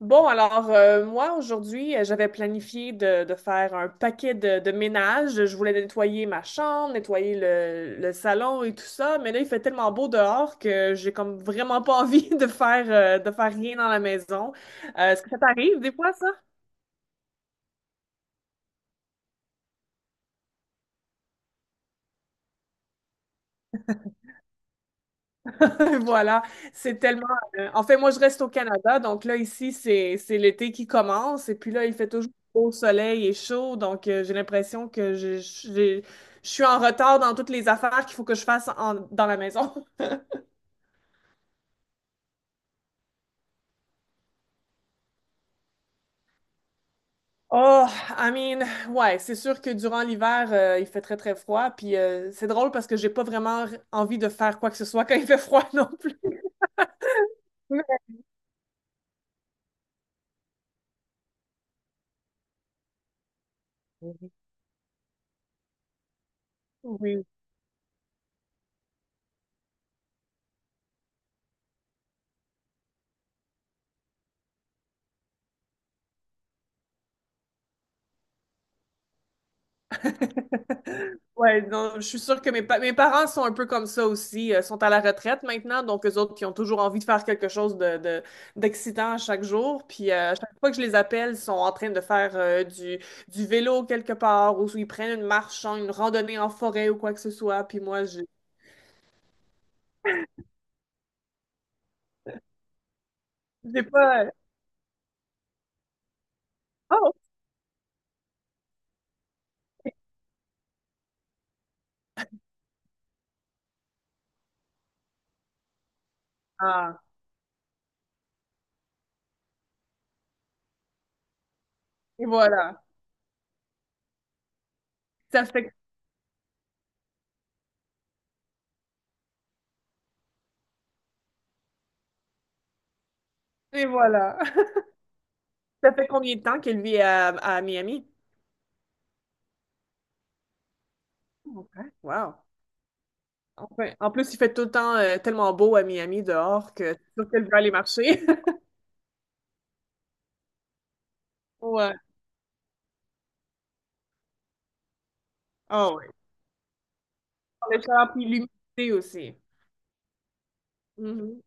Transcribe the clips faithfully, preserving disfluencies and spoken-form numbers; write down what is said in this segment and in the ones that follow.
Bon, alors euh, moi, aujourd'hui, euh, j'avais planifié de, de faire un paquet de, de ménage. Je voulais nettoyer ma chambre, nettoyer le, le salon et tout ça, mais là, il fait tellement beau dehors que j'ai comme vraiment pas envie de faire, euh, de faire rien dans la maison. Euh, est-ce que ça t'arrive des fois, ça? Voilà, c'est tellement. euh, En fait, moi, je reste au Canada, donc là, ici, c'est c'est l'été qui commence, et puis là, il fait toujours beau soleil et chaud, donc euh, j'ai l'impression que je, je- j'ai- je suis en retard dans toutes les affaires qu'il faut que je fasse en- dans la maison. Oh, I mean, ouais, c'est sûr que durant l'hiver, euh, il fait très, très froid, puis euh, c'est drôle parce que j'ai pas vraiment envie de faire quoi que ce soit quand il fait froid non plus. Mais- Oui, ouais, non, je suis sûre que mes, pa- mes parents sont un peu comme ça aussi, euh, sont à la retraite maintenant, donc eux autres qui ont toujours envie de faire quelque chose de, de- d'excitant à chaque jour. Puis euh, à chaque fois que je les appelle, ils sont en train de faire euh, du, du vélo quelque part, ou ils prennent une marche, hein, une randonnée en forêt ou quoi que ce soit. Puis moi, j'ai j'ai pas. euh, Oh! Ah, et voilà. Ça fait, et voilà. Ça fait combien de temps qu'elle vit à, à Miami? Ok. Wow. Enfin, en plus, il fait tout le temps euh, tellement beau à Miami dehors que c'est sûr qu'elle veut aller marcher. Ouais. Ah ouais. Le chaleur puis l'humidité aussi. Mhm.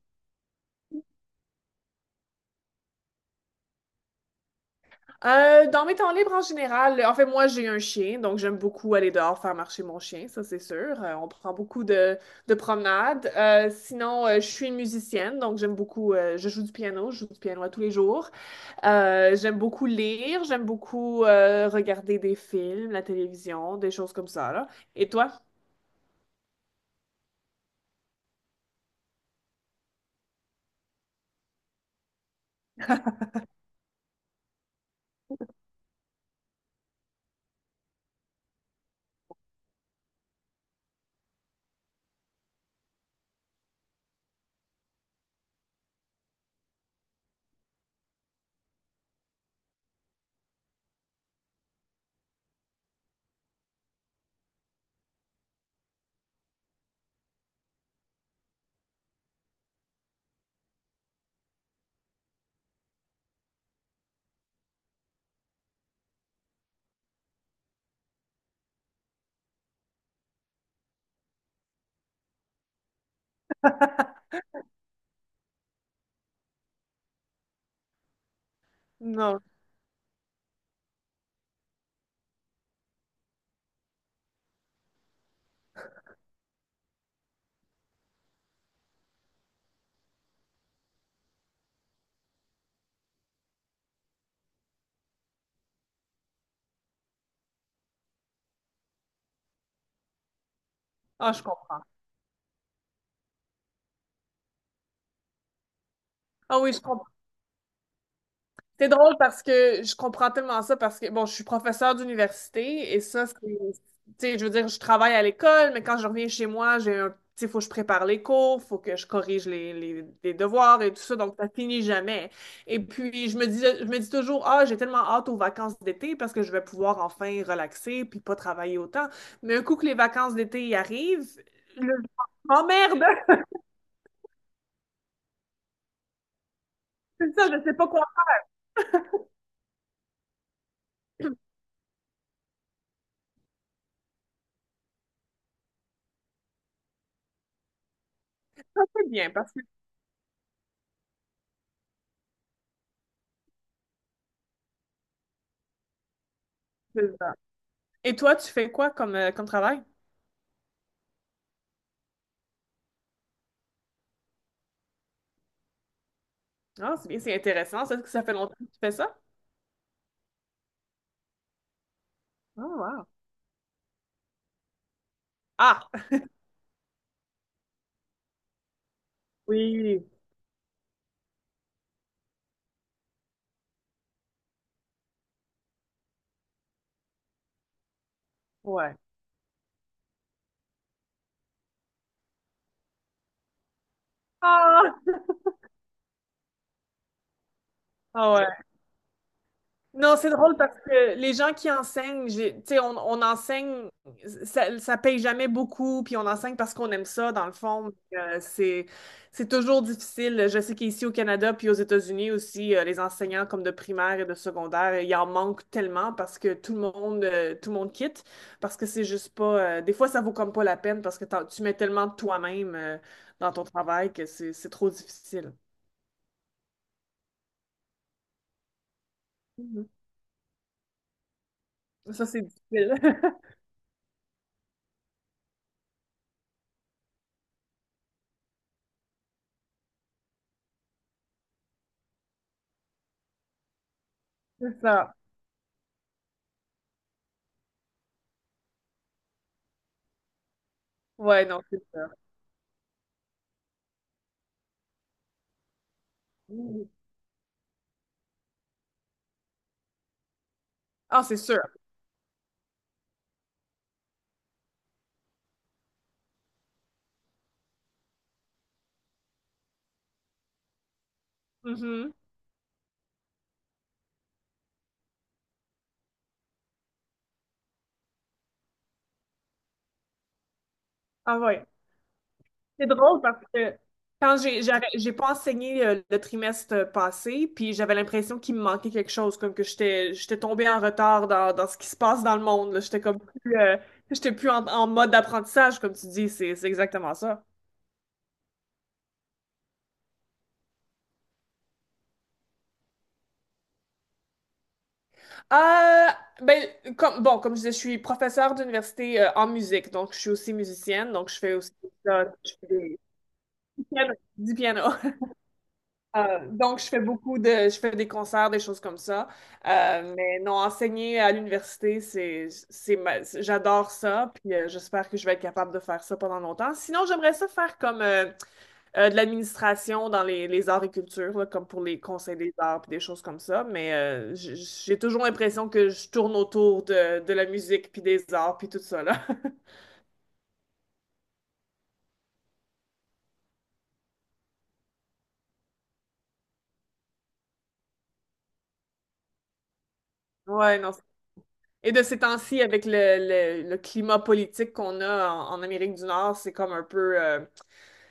Euh, dans mes temps libres en général, en fait, moi, j'ai un chien, donc j'aime beaucoup aller dehors faire marcher mon chien, ça c'est sûr. Euh, on prend beaucoup de, de promenades. Euh, sinon, euh, je suis une musicienne, donc j'aime beaucoup, euh, je joue du piano, je joue du piano à tous les jours. Euh, j'aime beaucoup lire, j'aime beaucoup euh, regarder des films, la télévision, des choses comme ça, là. Et toi? Non. Ah, je comprends. Ah oui, je comprends. C'est drôle parce que je comprends tellement ça parce que, bon, je suis professeure d'université et ça, c'est, tu sais, je veux dire, je travaille à l'école, mais quand je reviens chez moi, j'ai un, tu sais, faut que je prépare les cours, faut que je corrige les, les, les devoirs et tout ça, donc ça finit jamais. Et puis, je me dis, je me dis toujours, ah, j'ai tellement hâte aux vacances d'été parce que je vais pouvoir enfin relaxer puis pas travailler autant. Mais un coup que les vacances d'été y arrivent, le... oh merde! C'est ça, je sais pas quoi faire. C'est bien parce que. Et toi, tu fais quoi comme, euh, comme travail? Ah, c'est bien, c'est intéressant. Ça, est-ce que ça fait longtemps que tu fais ça? Ah, wow. Ah! Oui, ouais. Ah! Ah, ouais. Non, c'est drôle parce que les gens qui enseignent, j'ai- tu sais, on, on enseigne, ça, ça paye jamais beaucoup, puis on enseigne parce qu'on aime ça, dans le fond. Euh, c'est, c'est toujours difficile. Je sais qu'ici au Canada, puis aux États-Unis aussi, euh, les enseignants comme de primaire et de secondaire, il en manque tellement parce que tout le monde, euh, tout le monde quitte, parce que c'est juste pas, euh, des fois, ça vaut comme pas la peine parce que t'en- tu mets tellement de toi-même, euh, dans ton travail que c'est, c'est trop difficile. Mhm. Ça, c'est difficile. C'est ça. Ouais, non, c'est ça. Mhm. Ah, c'est sûr. Mhm. Ah ouais. C'est drôle parce que quand j'ai j'ai arrêt- j'ai pas enseigné euh, le trimestre passé, puis j'avais l'impression qu'il me manquait quelque chose, comme que j'étais j'étais tombée en retard dans, dans ce qui se passe dans le monde. Là. J'étais comme plus euh, j'étais plus en, en mode d'apprentissage, comme tu dis, c'est c'est exactement ça. Euh, ben comme bon, comme je disais, je suis professeure d'université euh, en musique, donc je suis aussi musicienne, donc je fais aussi ça, je fais des, du piano. Euh, donc, je fais beaucoup de, je fais des concerts, des choses comme ça. Euh, mais non, enseigner à l'université, c'est, c'est ma- c'est- j'adore ça. Puis euh, j'espère que je vais être capable de faire ça pendant longtemps. Sinon, j'aimerais ça faire comme euh, euh, de l'administration dans les, les arts et cultures, là, comme pour les conseils des arts, puis des choses comme ça. Mais euh, j- j'ai toujours l'impression que je tourne autour de, de la musique, puis des arts, puis tout ça, là. Ouais, non, et de ces temps-ci, avec le, le- le climat politique qu'on a en, en Amérique du Nord, c'est comme un peu... euh,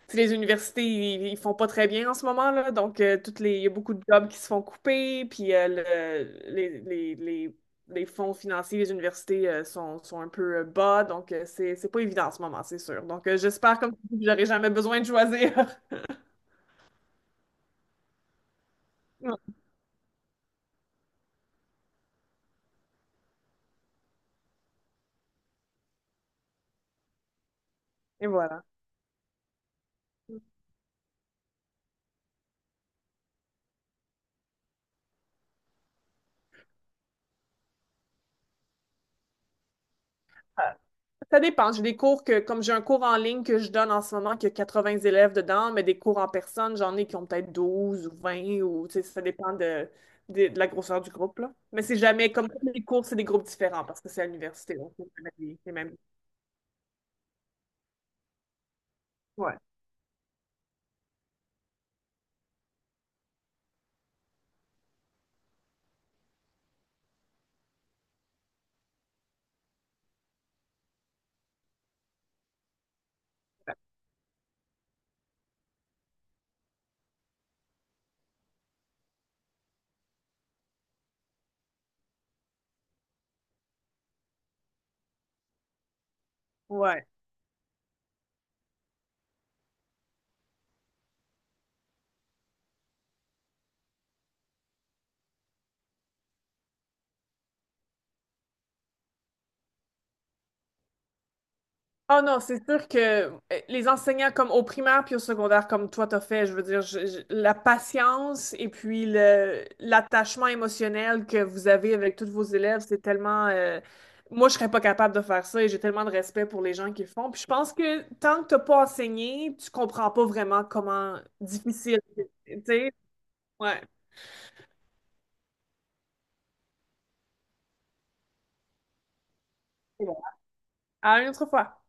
tu sais, les universités, ils, ils font pas très bien en ce moment, là. Donc, euh, toutes les, il y a beaucoup de jobs qui se font couper, puis euh, le- les, les, les- les fonds financiers des universités euh, sont, sont un peu euh, bas. Donc, euh, c'est, c'est pas évident en ce moment, c'est sûr. Donc, euh, j'espère, comme tu dis, que j'aurai jamais besoin de choisir. Et voilà. Ça dépend. J'ai des cours que, comme j'ai un cours en ligne que je donne en ce moment, qui a quatre-vingts élèves dedans, mais des cours en personne, j'en ai qui ont peut-être douze ou vingt, ou tu sais, ça dépend de, de, de la grosseur du groupe, là. Mais c'est jamais comme tous les cours, c'est des groupes différents parce que c'est à l'université, donc c'est jamais les les mêmes. Ouais. Ouais. Oh non, c'est sûr que euh, les enseignants comme au primaire puis au secondaire comme toi t'as fait, je veux dire, je- je- la patience et puis le l'attachement émotionnel que vous avez avec tous vos élèves, c'est tellement euh, moi je serais pas capable de faire ça et j'ai tellement de respect pour les gens qui le font. Puis je pense que tant que t'as pas enseigné, tu comprends pas vraiment comment difficile, c'est, tu sais, ouais. C'est bon. À une autre fois.